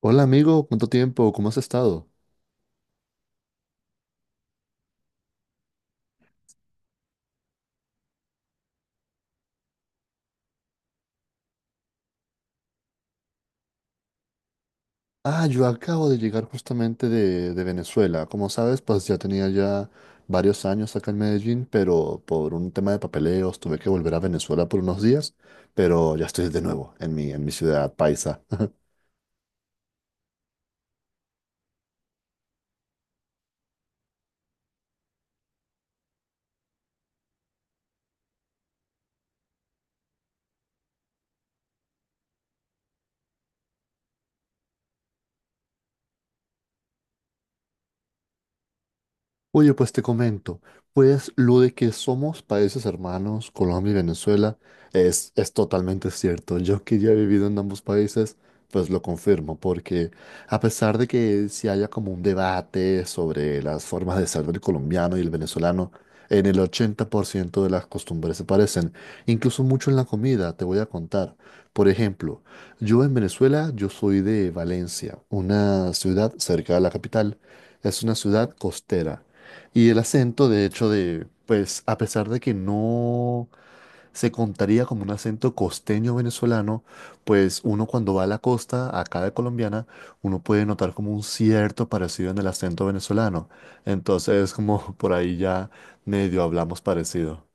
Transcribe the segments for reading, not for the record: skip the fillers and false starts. Hola amigo, ¿cuánto tiempo? ¿Cómo has estado? Ah, yo acabo de llegar justamente de Venezuela. Como sabes, pues ya tenía ya varios años acá en Medellín, pero por un tema de papeleos tuve que volver a Venezuela por unos días, pero ya estoy de nuevo en mi ciudad paisa. Oye, pues te comento, pues lo de que somos países hermanos, Colombia y Venezuela, es totalmente cierto. Yo que ya he vivido en ambos países, pues lo confirmo, porque a pesar de que si haya como un debate sobre las formas de ser del colombiano y el venezolano, en el 80% de las costumbres se parecen, incluso mucho en la comida, te voy a contar. Por ejemplo, yo en Venezuela, yo soy de Valencia, una ciudad cerca de la capital. Es una ciudad costera. Y el acento, de hecho, de, pues, a pesar de que no se contaría como un acento costeño venezolano, pues uno cuando va a la costa, acá de colombiana, uno puede notar como un cierto parecido en el acento venezolano. Entonces, como por ahí ya medio hablamos parecido.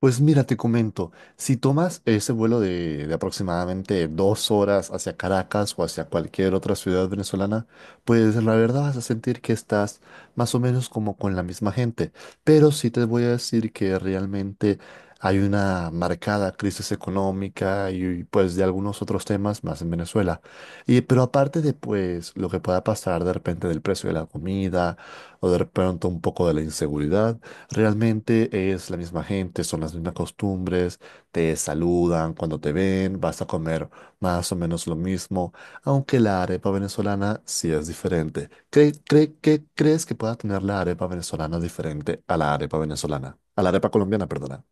Pues mira, te comento, si tomas ese vuelo de aproximadamente 2 horas hacia Caracas o hacia cualquier otra ciudad venezolana, pues la verdad vas a sentir que estás más o menos como con la misma gente. Pero sí te voy a decir que realmente hay una marcada crisis económica y pues de algunos otros temas más en Venezuela. Y, pero aparte de pues lo que pueda pasar de repente del precio de la comida o de pronto un poco de la inseguridad. Realmente es la misma gente, son las mismas costumbres, te saludan cuando te ven, vas a comer más o menos lo mismo, aunque la arepa venezolana sí es diferente. Qué crees que pueda tener la arepa venezolana diferente a la arepa venezolana? A la arepa colombiana, perdona.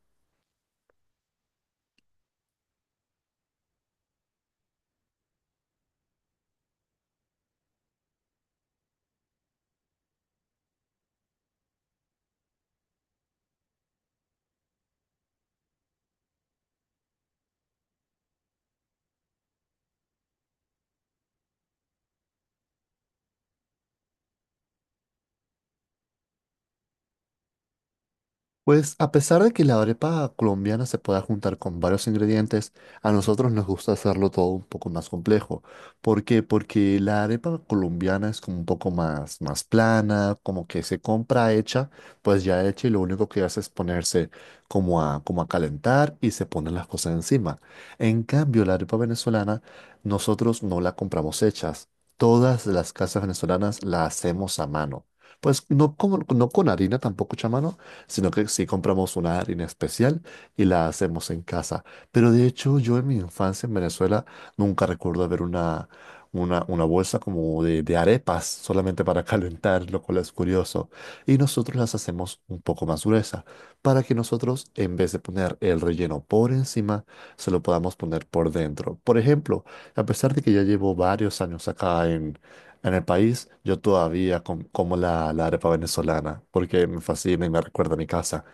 Pues a pesar de que la arepa colombiana se pueda juntar con varios ingredientes, a nosotros nos gusta hacerlo todo un poco más complejo. ¿Por qué? Porque la arepa colombiana es como un poco más, más plana, como que se compra hecha, pues ya hecha y lo único que hace es ponerse como a, como a calentar y se ponen las cosas encima. En cambio, la arepa venezolana nosotros no la compramos hechas. Todas las casas venezolanas la hacemos a mano. Pues no, como, no con harina tampoco hecha a mano, sino que sí compramos una harina especial y la hacemos en casa. Pero de hecho, yo en mi infancia en Venezuela nunca recuerdo haber una, una bolsa como de arepas solamente para calentar, lo cual es curioso. Y nosotros las hacemos un poco más gruesa para que nosotros, en vez de poner el relleno por encima, se lo podamos poner por dentro. Por ejemplo, a pesar de que ya llevo varios años acá en el país yo todavía como la arepa venezolana porque me fascina y me recuerda a mi casa.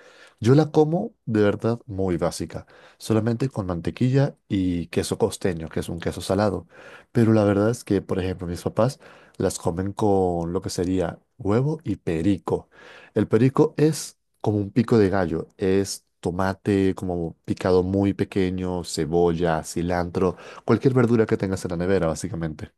Yo la como de verdad muy básica, solamente con mantequilla y queso costeño, que es un queso salado. Pero la verdad es que, por ejemplo, mis papás las comen con lo que sería huevo y perico. El perico es como un pico de gallo, es tomate como picado muy pequeño, cebolla, cilantro, cualquier verdura que tengas en la nevera, básicamente.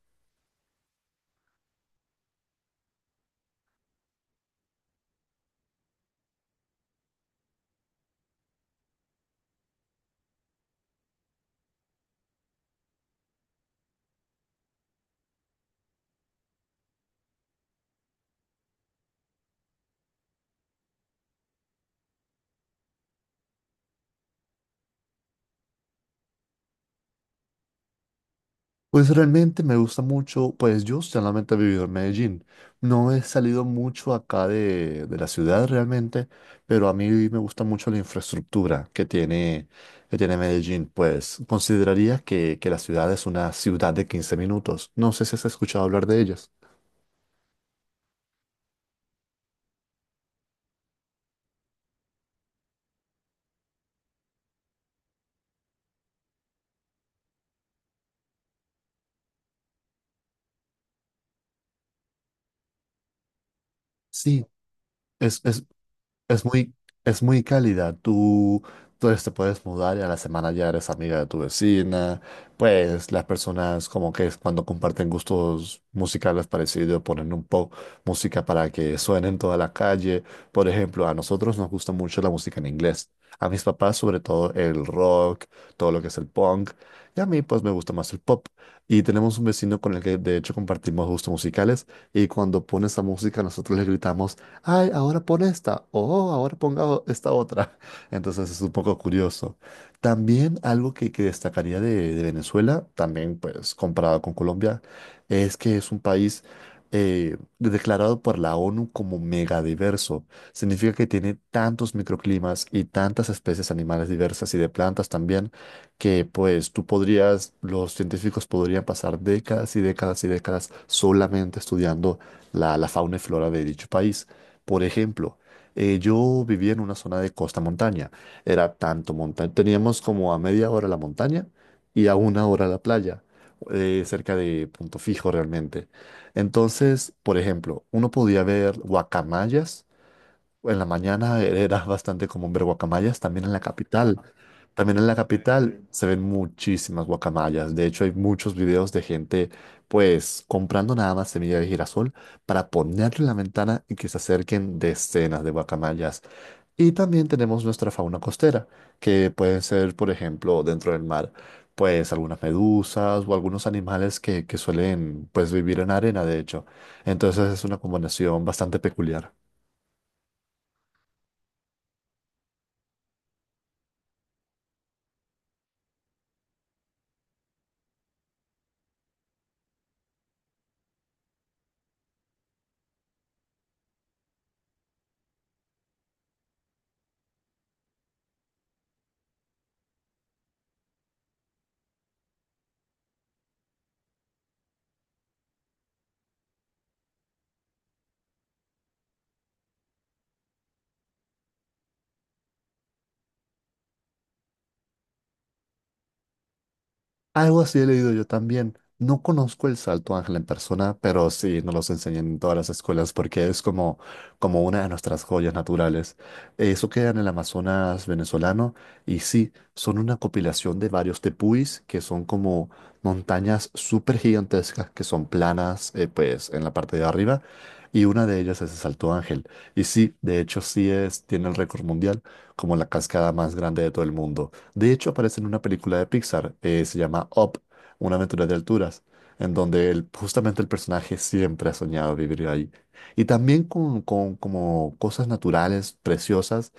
Pues realmente me gusta mucho, pues yo solamente he vivido en Medellín. No he salido mucho acá de la ciudad realmente, pero a mí me gusta mucho la infraestructura que tiene Medellín. Pues consideraría que la ciudad es una ciudad de 15 minutos. No sé si has escuchado hablar de ellas. Sí, es Es muy, es muy cálida. Tú te puedes mudar y a la semana ya eres amiga de tu vecina. Pues las personas como que es cuando comparten gustos musicales parecidos, ponen un poco música para que suene en toda la calle. Por ejemplo, a nosotros nos gusta mucho la música en inglés. A mis papás sobre todo el rock, todo lo que es el punk. Y a mí pues me gusta más el pop. Y tenemos un vecino con el que de hecho compartimos gustos musicales. Y cuando pone esa música nosotros le gritamos ay, ahora pon esta, o ahora esta otra. Entonces es un poco curioso. También algo que destacaría de Venezuela, también pues comparado con Colombia, es que es un país declarado por la ONU como megadiverso. Significa que tiene tantos microclimas y tantas especies animales diversas y de plantas también, que pues tú podrías, los científicos podrían pasar décadas y décadas y décadas solamente estudiando la fauna y flora de dicho país. Por ejemplo, yo vivía en una zona de costa montaña. Era tanto montaña. Teníamos como a 1/2 hora la montaña y a 1 hora la playa, cerca de Punto Fijo realmente. Entonces, por ejemplo, uno podía ver guacamayas en la mañana era bastante común ver guacamayas, también en la capital. También en la capital se ven muchísimas guacamayas. De hecho, hay muchos videos de gente, pues, comprando nada más semilla de girasol para ponerle en la ventana y que se acerquen decenas de guacamayas. Y también tenemos nuestra fauna costera, que pueden ser, por ejemplo, dentro del mar, pues algunas medusas o algunos animales que suelen, pues, vivir en arena, de hecho. Entonces es una combinación bastante peculiar. Algo así he leído yo también. No conozco el Salto Ángel en persona, pero sí nos los enseñan en todas las escuelas porque es como, como una de nuestras joyas naturales. Eso queda en el Amazonas venezolano y sí, son una compilación de varios tepuis que son como montañas súper gigantescas que son planas, pues en la parte de arriba y una de ellas es el Salto Ángel. Y sí, de hecho sí es, tiene el récord mundial como la cascada más grande de todo el mundo. De hecho, aparece en una película de Pixar, se llama Up, una aventura de alturas, en donde justamente el personaje siempre ha soñado vivir ahí. Y también con como cosas naturales preciosas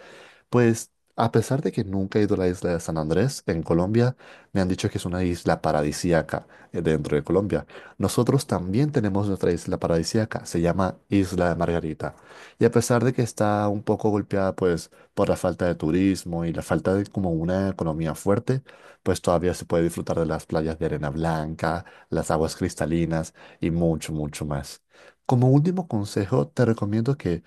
pues a pesar de que nunca he ido a la isla de San Andrés en Colombia, me han dicho que es una isla paradisíaca dentro de Colombia. Nosotros también tenemos nuestra isla paradisíaca, se llama Isla de Margarita. Y a pesar de que está un poco golpeada pues por la falta de turismo y la falta de como una economía fuerte, pues todavía se puede disfrutar de las playas de arena blanca, las aguas cristalinas y mucho, mucho más. Como último consejo, te recomiendo que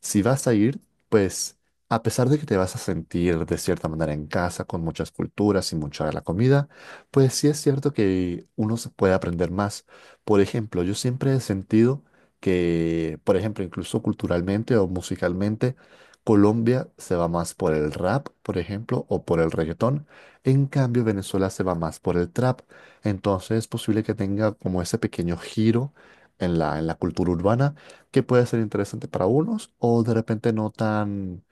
si vas a ir, pues a pesar de que te vas a sentir de cierta manera en casa, con muchas culturas y mucha de la comida, pues sí es cierto que uno se puede aprender más. Por ejemplo, yo siempre he sentido que, por ejemplo, incluso culturalmente o musicalmente, Colombia se va más por el rap, por ejemplo, o por el reggaetón. En cambio, Venezuela se va más por el trap. Entonces es posible que tenga como ese pequeño giro en la cultura urbana que puede ser interesante para unos o de repente no tan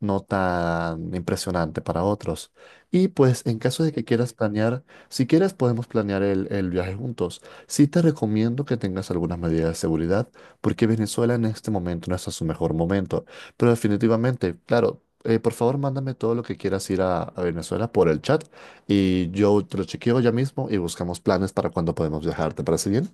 no tan impresionante para otros. Y pues en caso de que quieras planear, si quieres podemos planear el viaje juntos. Sí te recomiendo que tengas algunas medidas de seguridad, porque Venezuela en este momento no está en su mejor momento. Pero definitivamente, claro, por favor mándame todo lo que quieras ir a Venezuela por el chat y yo te lo chequeo ya mismo y buscamos planes para cuando podemos viajar. ¿Te parece bien?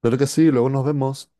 Claro que sí, luego nos vemos.